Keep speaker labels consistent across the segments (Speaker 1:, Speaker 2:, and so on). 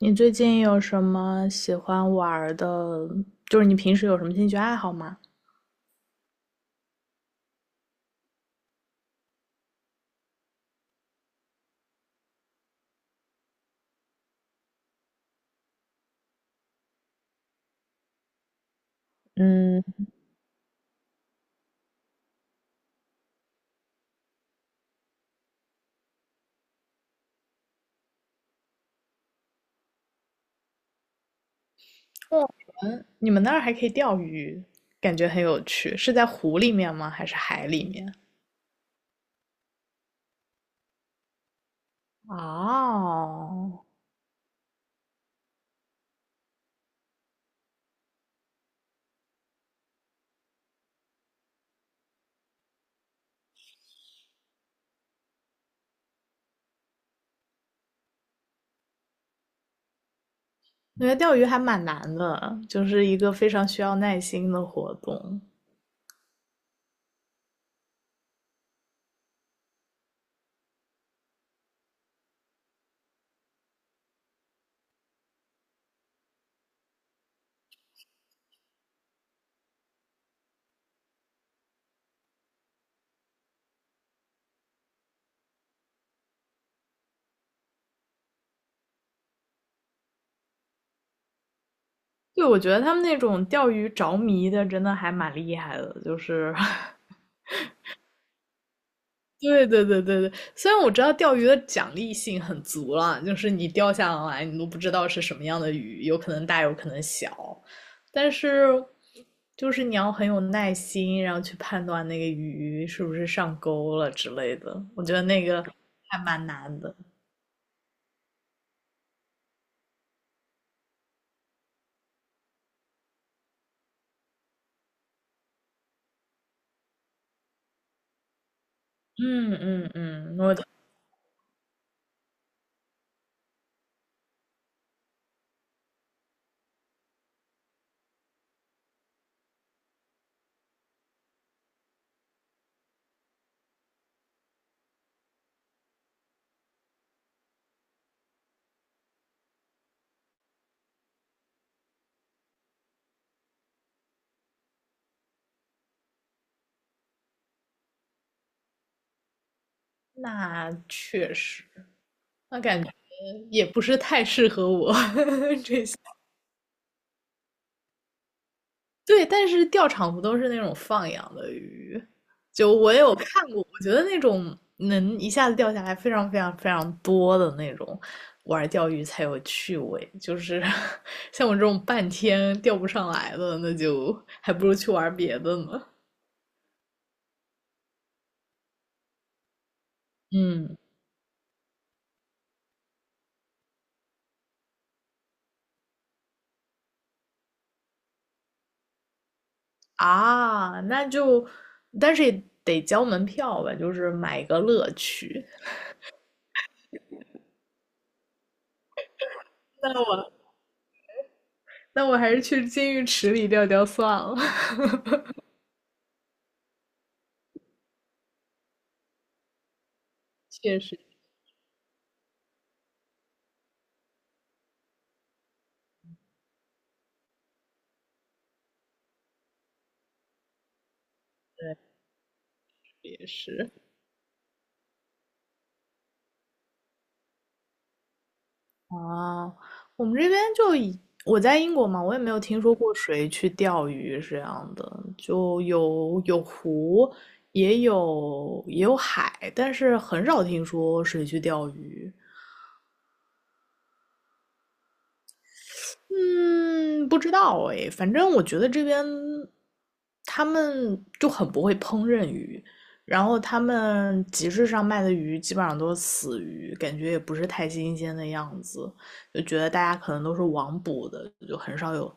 Speaker 1: 你最近有什么喜欢玩儿的？就是你平时有什么兴趣爱好吗？你们那儿还可以钓鱼，感觉很有趣。是在湖里面吗？还是海里面？哦，我觉得钓鱼还蛮难的，就是一个非常需要耐心的活动。对，我觉得他们那种钓鱼着迷的，真的还蛮厉害的，就是 对对对对对，虽然我知道钓鱼的奖励性很足了，就是你钓下来你都不知道是什么样的鱼，有可能大有可能小，但是就是你要很有耐心，然后去判断那个鱼是不是上钩了之类的，我觉得那个还蛮难的。嗯嗯嗯，那确实，那感觉也不是太适合我。对，但是钓场不都是那种放养的鱼？就我也有看过，我觉得那种能一下子钓下来非常非常非常多的那种，玩钓鱼才有趣味。就是 像我这种半天钓不上来的，那就还不如去玩别的呢。嗯啊，那就，但是也得交门票吧，就是买个乐趣。那我那我还是去金鱼池里钓钓算了。确实，对，也是。啊，我们这边就以我在英国嘛，我也没有听说过谁去钓鱼是这样的，就有湖，也有海，但是很少听说谁去钓鱼。嗯，不知道哎，反正我觉得这边他们就很不会烹饪鱼，然后他们集市上卖的鱼基本上都是死鱼，感觉也不是太新鲜的样子，就觉得大家可能都是网捕的，就很少有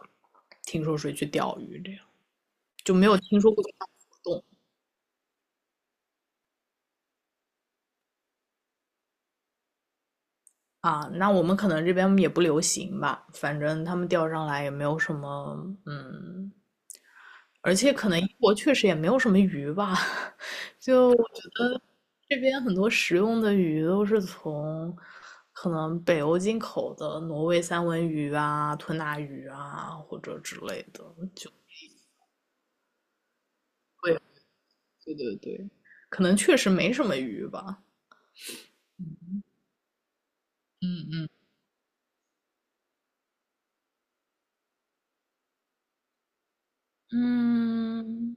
Speaker 1: 听说谁去钓鱼这样，就没有听说过这项活动啊。那我们可能这边也不流行吧，反正他们钓上来也没有什么嗯而且可能英国确实也没有什么鱼吧，就我觉得这边很多食用的鱼都是从可能北欧进口的挪威三文鱼啊、吞拿鱼啊或者之类的，就对对对，可能确实没什么鱼吧。嗯，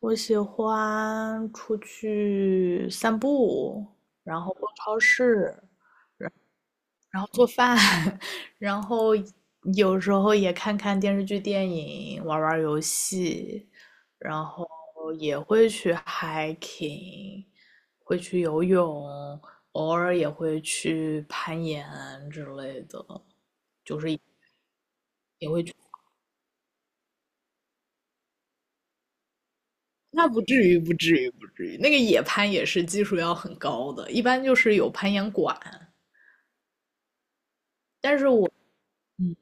Speaker 1: 我喜欢出去散步，然后逛超市，然后做饭，然后有时候也看看电视剧、电影，玩玩游戏，然后也会去 hiking，会去游泳，偶尔也会去攀岩之类的。那不至于，不至于，不至于。那个野攀也是技术要很高的，一般就是有攀岩馆，但是我。嗯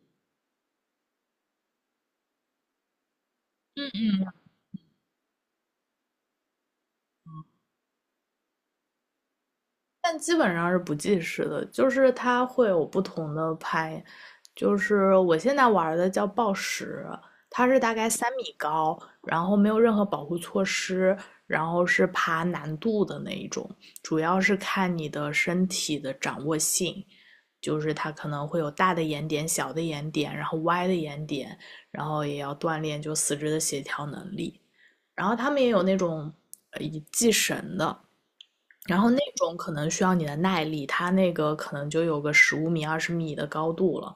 Speaker 1: 但基本上是不计时的，就是它会有不同的拍，就是我现在玩的叫暴食，它是大概3米高，然后没有任何保护措施，然后是爬难度的那一种，主要是看你的身体的掌握性，就是它可能会有大的岩点、小的岩点，然后歪的岩点，然后也要锻炼就四肢的协调能力，然后他们也有那种以系绳的。然后那种可能需要你的耐力，它那个可能就有个15米、20米的高度了，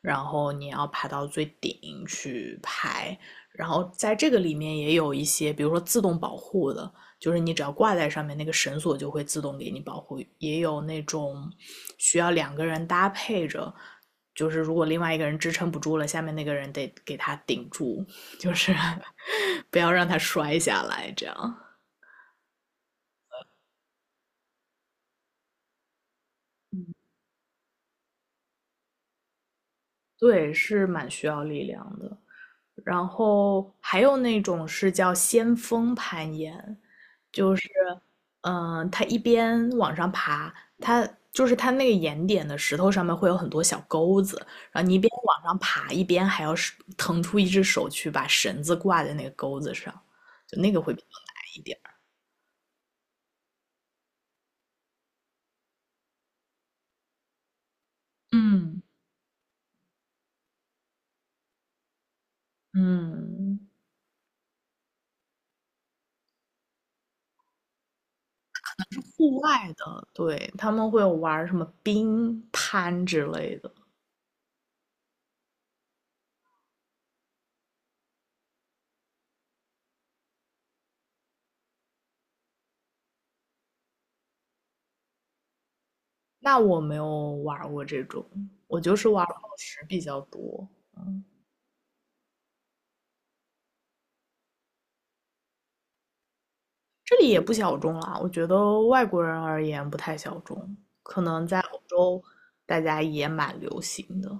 Speaker 1: 然后你要爬到最顶去拍。然后在这个里面也有一些，比如说自动保护的，就是你只要挂在上面，那个绳索就会自动给你保护。也有那种需要两个人搭配着，就是如果另外一个人支撑不住了，下面那个人得给他顶住，就是 不要让他摔下来，这样。对，是蛮需要力量的。然后还有那种是叫先锋攀岩，就是，它一边往上爬，它就是它那个岩点的石头上面会有很多小钩子，然后你一边往上爬，一边还要是腾出一只手去把绳子挂在那个钩子上，就那个会比较难一点儿嗯嗯，户外的，对，他们会有玩儿什么冰攀之类的，那我没有玩过这种，我就是玩宝石比较多。这里也不小众啦，我觉得外国人而言不太小众，可能在欧洲大家也蛮流行的。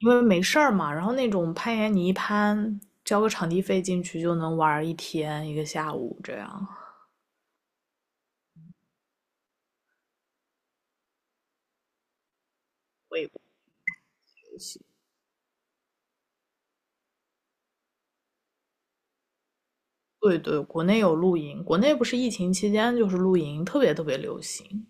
Speaker 1: 因为没事儿嘛，然后那种攀岩你一攀，交个场地费进去就能玩一天一个下午这样。对对，国内有露营，国内不是疫情期间就是露营特别特别流行。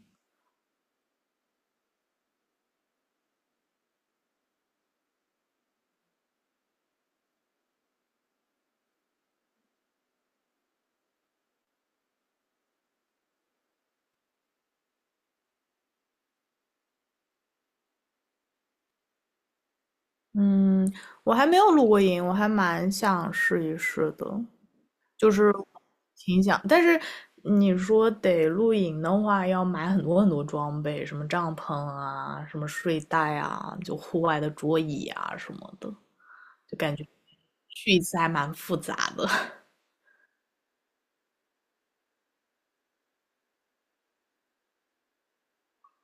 Speaker 1: 嗯，我还没有露过营，我还蛮想试一试的。就是挺想，但是你说得露营的话，要买很多很多装备，什么帐篷啊，什么睡袋啊，就户外的桌椅啊什么的，去一次还蛮复杂的，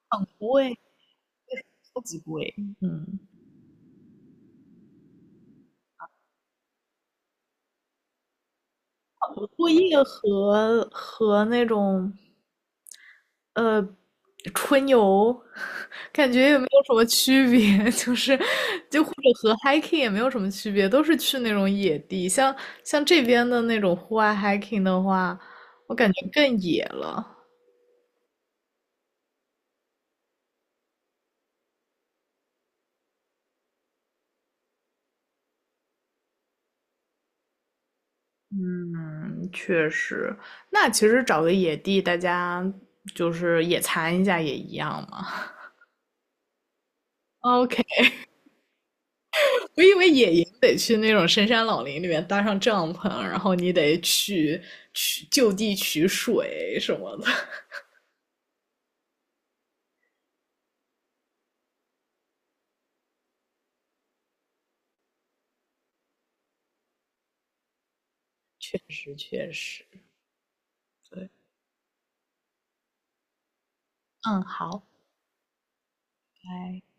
Speaker 1: 不会，超级贵。嗯，我作业和那种呃，春游 感觉也没有什么区别，就是或者和 hiking 也没有什么区别，都是去那种野地。像这边的那种户外 hiking 的话，我感觉更野了。嗯，确实。那其实找个野地，大家就是野餐一下也一样嘛。OK，我以为野营得去那种深山老林里面搭上帐篷，然后你得去取就地取水什么的。确实确实，对，嗯，好，拜。